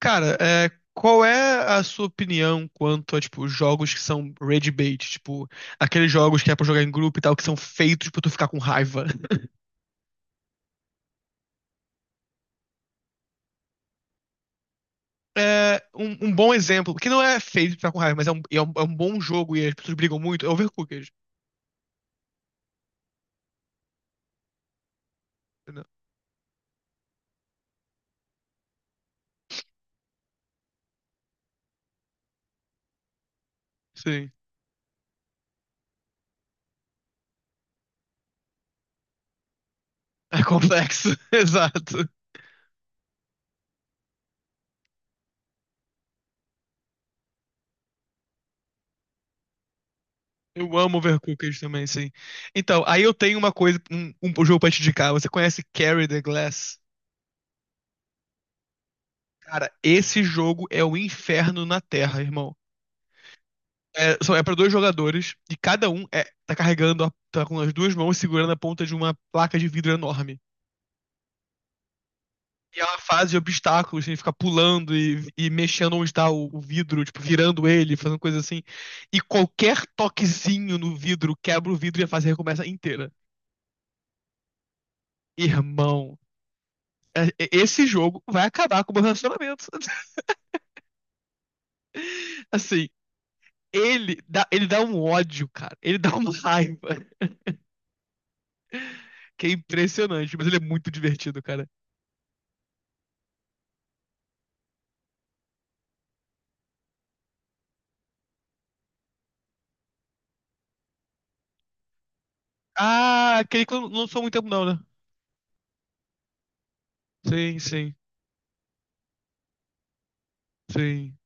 Cara, qual é a sua opinião quanto a, tipo, jogos que são rage bait? Tipo, aqueles jogos que é pra jogar em grupo e tal, que são feitos pra tu ficar com raiva. É, um bom exemplo, que não é feito pra ficar com raiva, mas é um bom jogo e as pessoas brigam muito, é Overcooked. Entendeu? Sim. É complexo, exato. Eu amo Overcooked também, sim. Então, aí eu tenho uma coisa, um jogo pra te indicar. Você conhece Carry the Glass? Cara, esse jogo é o inferno na Terra, irmão. É para dois jogadores e cada um tá carregando, tá com as duas mãos segurando a ponta de uma placa de vidro enorme. E é uma fase de obstáculos, tem que ficar pulando e mexendo onde está o vidro, tipo, virando ele, fazendo coisa assim. E qualquer toquezinho no vidro quebra o vidro e a fase recomeça inteira. Irmão, esse jogo vai acabar com o meu relacionamento. Assim, ele dá um ódio, cara. Ele dá uma raiva. Que é impressionante, mas ele é muito divertido, cara. Ah, aquele que eu não sou muito tempo, não, né? Sim, sim, sim.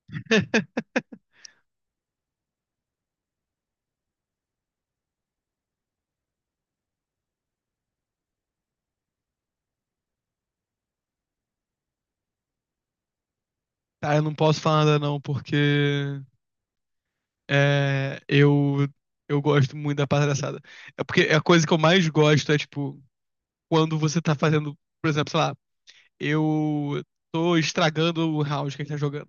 Ah, eu não posso falar nada, não, porque é, eu, eu gosto muito da palhaçada. É porque a coisa que eu mais gosto é, tipo, quando você tá fazendo, por exemplo, sei lá, eu tô estragando o round que a gente tá jogando.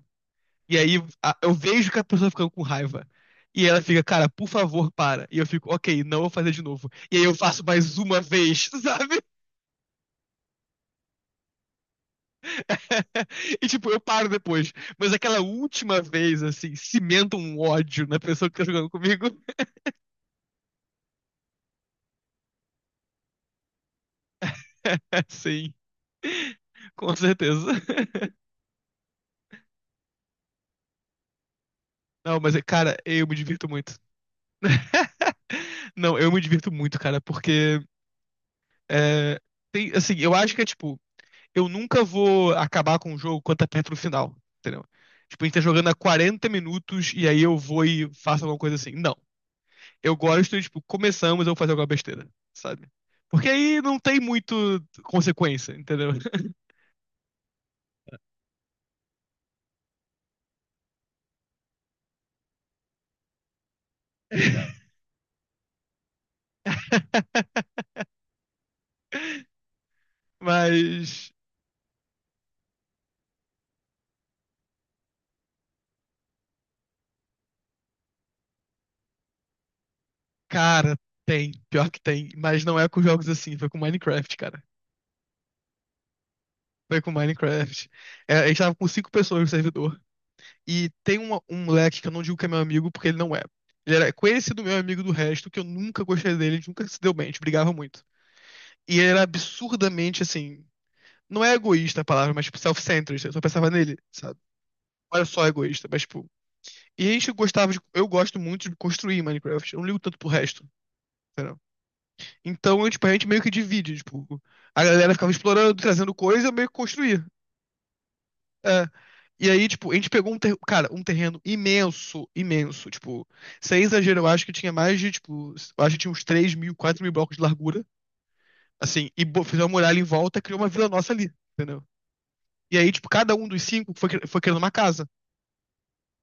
E aí eu vejo que a pessoa tá ficando com raiva. E ela fica, cara, por favor, para. E eu fico, ok, não vou fazer de novo. E aí eu faço mais uma vez, sabe? E tipo, eu paro depois. Mas aquela última vez, assim, cimenta um ódio na pessoa que tá jogando comigo. Sim, com certeza. Não, mas, cara, eu me divirto muito. Não, eu me divirto muito, cara, porque é, tem, assim, eu acho que é tipo, eu nunca vou acabar com o jogo quando tá perto do final, entendeu? Tipo, a gente tá jogando há 40 minutos e aí eu vou e faço alguma coisa assim. Não. Eu gosto, tipo, começamos, eu vou fazer alguma besteira, sabe? Porque aí não tem muito consequência, entendeu? Mas, cara, tem. Pior que tem. Mas não é com jogos assim, foi com Minecraft, cara. Foi com Minecraft. É, a gente tava com cinco pessoas no servidor. E tem um moleque que eu não digo que é meu amigo, porque ele não é. Ele era conhecido meu amigo do resto, que eu nunca gostei dele, a gente nunca se deu bem, a gente brigava muito. E ele era absurdamente assim. Não é egoísta a palavra, mas tipo, self-centered. Eu só pensava nele, sabe? Olha só, egoísta, mas tipo. E a gente gostava de. Eu gosto muito de construir Minecraft. Eu não ligo tanto pro resto. Entendeu? Então, eu, tipo, a gente meio que divide, tipo, a galera ficava explorando, trazendo coisa, eu meio que construía. É. E aí, tipo, a gente pegou cara, um terreno imenso, imenso. Tipo, sem exagero, eu acho que tinha mais de, tipo, eu acho que tinha uns 3.000, 4.000 blocos de largura. Assim, e fez uma muralha em volta, criou uma vila nossa ali, entendeu? E aí, tipo, cada um dos cinco foi, foi criando uma casa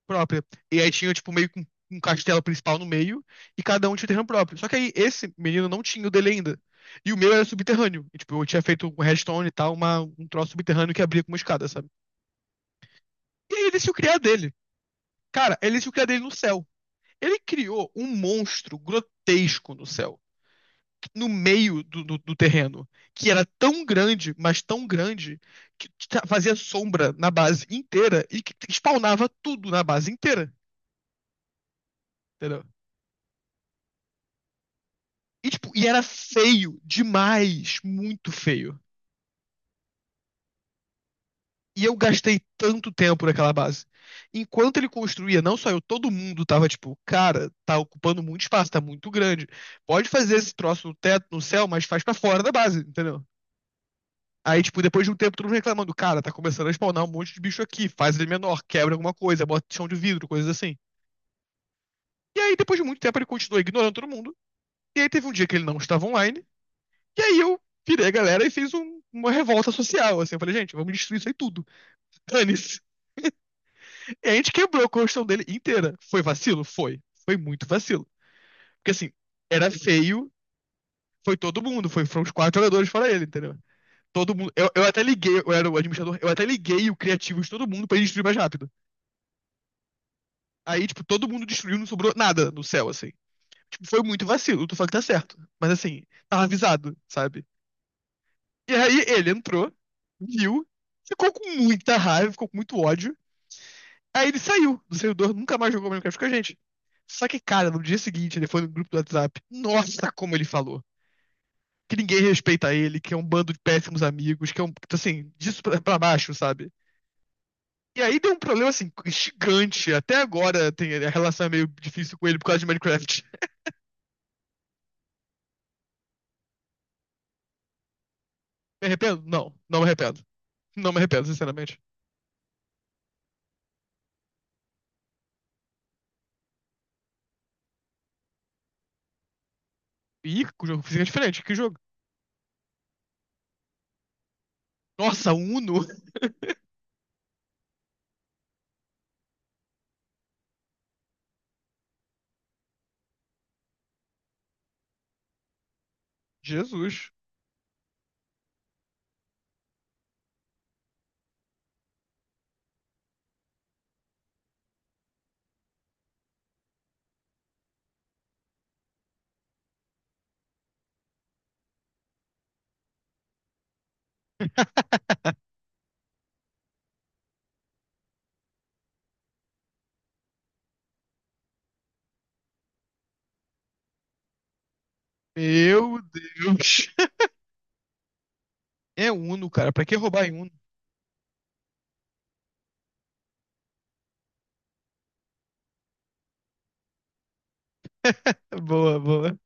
própria. E aí tinha, tipo, meio que um castelo principal no meio, e cada um tinha o terreno próprio. Só que aí esse menino não tinha o dele ainda. E o meu era subterrâneo. E, tipo, eu tinha feito com redstone e tal, um troço subterrâneo que abria com uma escada, sabe? E aí ele se criar dele. Cara, ele se criar dele no céu. Ele criou um monstro grotesco no céu, no meio do terreno, que era tão grande, mas tão grande, que fazia sombra na base inteira e que spawnava tudo na base inteira. Entendeu? E, tipo, e era feio demais, muito feio. E eu gastei tanto tempo naquela base. Enquanto ele construía, não só eu, todo mundo tava tipo, cara, tá ocupando muito espaço, tá muito grande. Pode fazer esse troço no teto, no céu, mas faz pra fora da base, entendeu? Aí, tipo, depois de um tempo, todo mundo reclamando, cara, tá começando a spawnar um monte de bicho aqui, faz ele menor, quebra alguma coisa, bota chão de vidro, coisas assim. E aí, depois de muito tempo, ele continuou ignorando todo mundo. E aí teve um dia que ele não estava online. E aí eu virei a galera e fiz uma revolta social, assim. Eu falei, gente, vamos destruir isso aí tudo. Dane-se. E a gente quebrou a construção dele inteira. Foi vacilo? Foi. Foi muito vacilo. Porque assim, era feio, foi todo mundo, foram os quatro jogadores fora ele, entendeu? Todo mundo. Eu até liguei, eu era o administrador, eu até liguei o criativo de todo mundo pra ele destruir mais rápido. Aí, tipo, todo mundo destruiu, não sobrou nada no céu, assim. Tipo, foi muito vacilo, tu fala que tá certo. Mas assim, tava avisado, sabe? E aí ele entrou, viu, ficou com muita raiva, ficou com muito ódio. Aí ele saiu do servidor, nunca mais jogou Minecraft com a gente. Só que, cara, no dia seguinte ele foi no grupo do WhatsApp. Nossa, como ele falou. Que ninguém respeita ele, que é um bando de péssimos amigos, que é um, assim, disso pra, pra baixo, sabe? E aí deu um problema, assim, gigante. Até agora tem, a relação é meio difícil com ele por causa de Minecraft. Me arrependo? Não, não me arrependo. Não me arrependo, sinceramente. Ih, o jogo físico é diferente. Que jogo? Nossa, Uno. Jesus. Meu Deus. É Uno, cara. Pra que roubar em Uno? Boa, boa.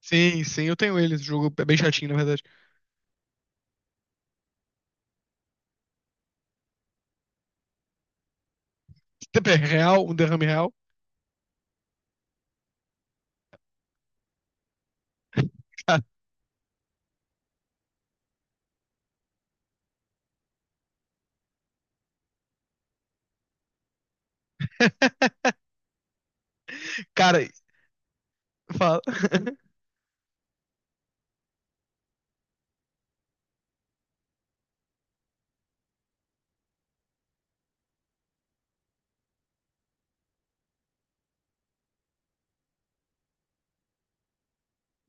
Sim, sim, eu tenho ele. Esse jogo é bem chatinho, na verdade. Tempo é real, um derrame real. Cara, fala.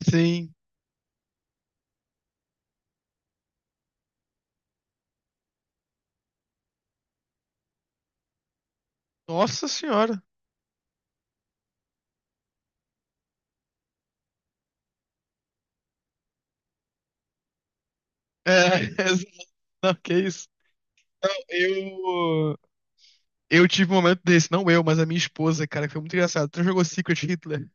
Sim. Nossa senhora. É, não, que isso. Não, eu. Eu tive um momento desse, não eu, mas a minha esposa, cara, que foi muito engraçado. Tu jogou Secret Hitler?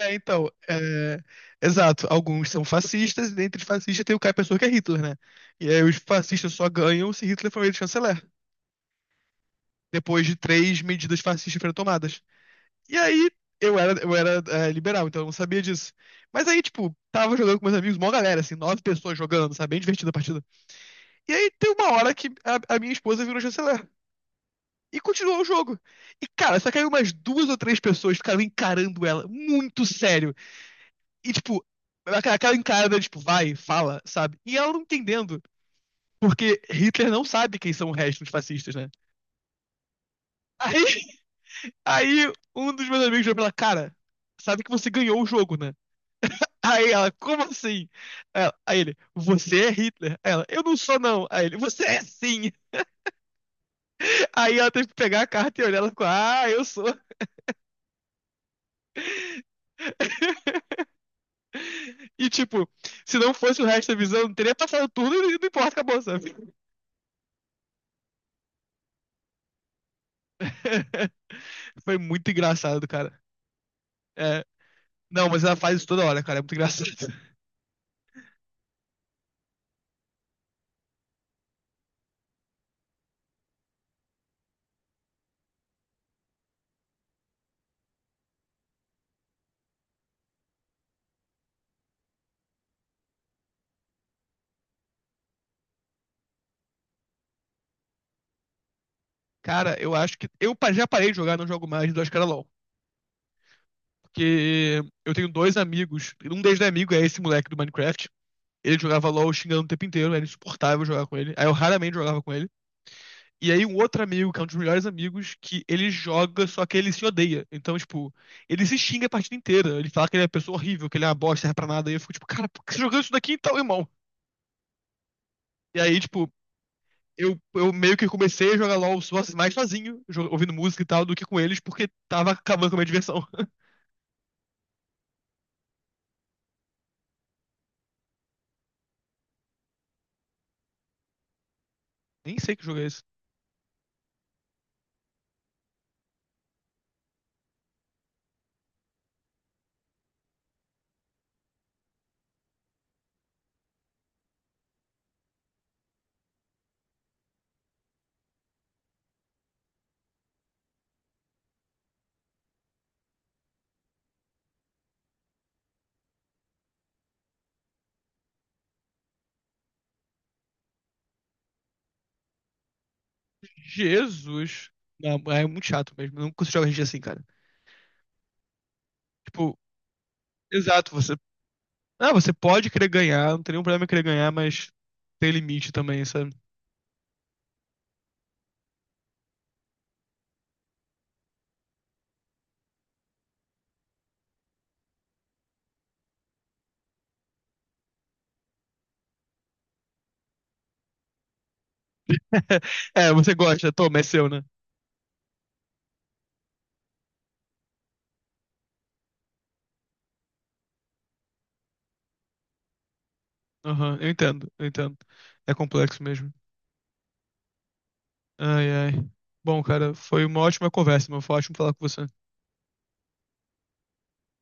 É, então, é, exato. Alguns são fascistas, e dentre os fascistas tem o cara, pessoa que é Hitler, né? E aí os fascistas só ganham se Hitler for eleito chanceler, depois de três medidas fascistas foram tomadas. E aí, eu era liberal, então eu não sabia disso. Mas aí, tipo, tava jogando com meus amigos, mó galera, assim, nove pessoas jogando, sabe? Bem divertida a partida. E aí, tem uma hora que a minha esposa virou chanceler. E continuou o jogo. E, cara, só caiu umas duas ou três pessoas ficaram encarando ela, muito sério. E, tipo, aquela encarada, tipo, vai, fala, sabe? E ela não entendendo. Porque Hitler não sabe quem são o resto dos fascistas, né? Aí Aí um dos meus amigos virou pra ela, cara, sabe que você ganhou o jogo, né? Aí ela, como assim? Aí ele, você é Hitler. Aí ela, eu não sou não. Aí ele, você é sim. Aí ela teve que pegar a carta e olhar, ela ficou, ah, eu sou. E tipo, se não fosse o resto da visão, não teria passado tudo e não importa, acabou, sabe? Foi muito engraçado, cara. É, não, mas ela faz isso toda hora, cara, é muito engraçado. Cara, eu acho que. Já parei de jogar, não jogo mais, do Ascara que eu tenho dois amigos. Um deles é amigo, é esse moleque do Minecraft. Ele jogava LOL xingando o tempo inteiro, era insuportável jogar com ele. Aí eu raramente jogava com ele. E aí um outro amigo, que é um dos melhores amigos, que ele joga, só que ele se odeia. Então, tipo, ele se xinga a partida inteira. Ele fala que ele é uma pessoa horrível, que ele é uma bosta, serve pra nada. E eu fico, tipo, cara, por que você tá jogando isso daqui então, irmão? E aí, tipo, eu meio que comecei a jogar LOL mais sozinho, ouvindo música e tal, do que com eles, porque tava acabando com a minha diversão. Nem sei que jogo é esse. Jesus. Não, é muito chato mesmo. Eu não consigo jogar RPG assim, cara. Tipo, exato, você. Ah, você pode querer ganhar, não tem nenhum problema em querer ganhar, mas tem limite também, sabe? É, você gosta, toma, é seu, né? Aham, eu entendo, eu entendo. É complexo mesmo. Ai, ai. Bom, cara, foi uma ótima conversa, meu. Foi ótimo falar com você.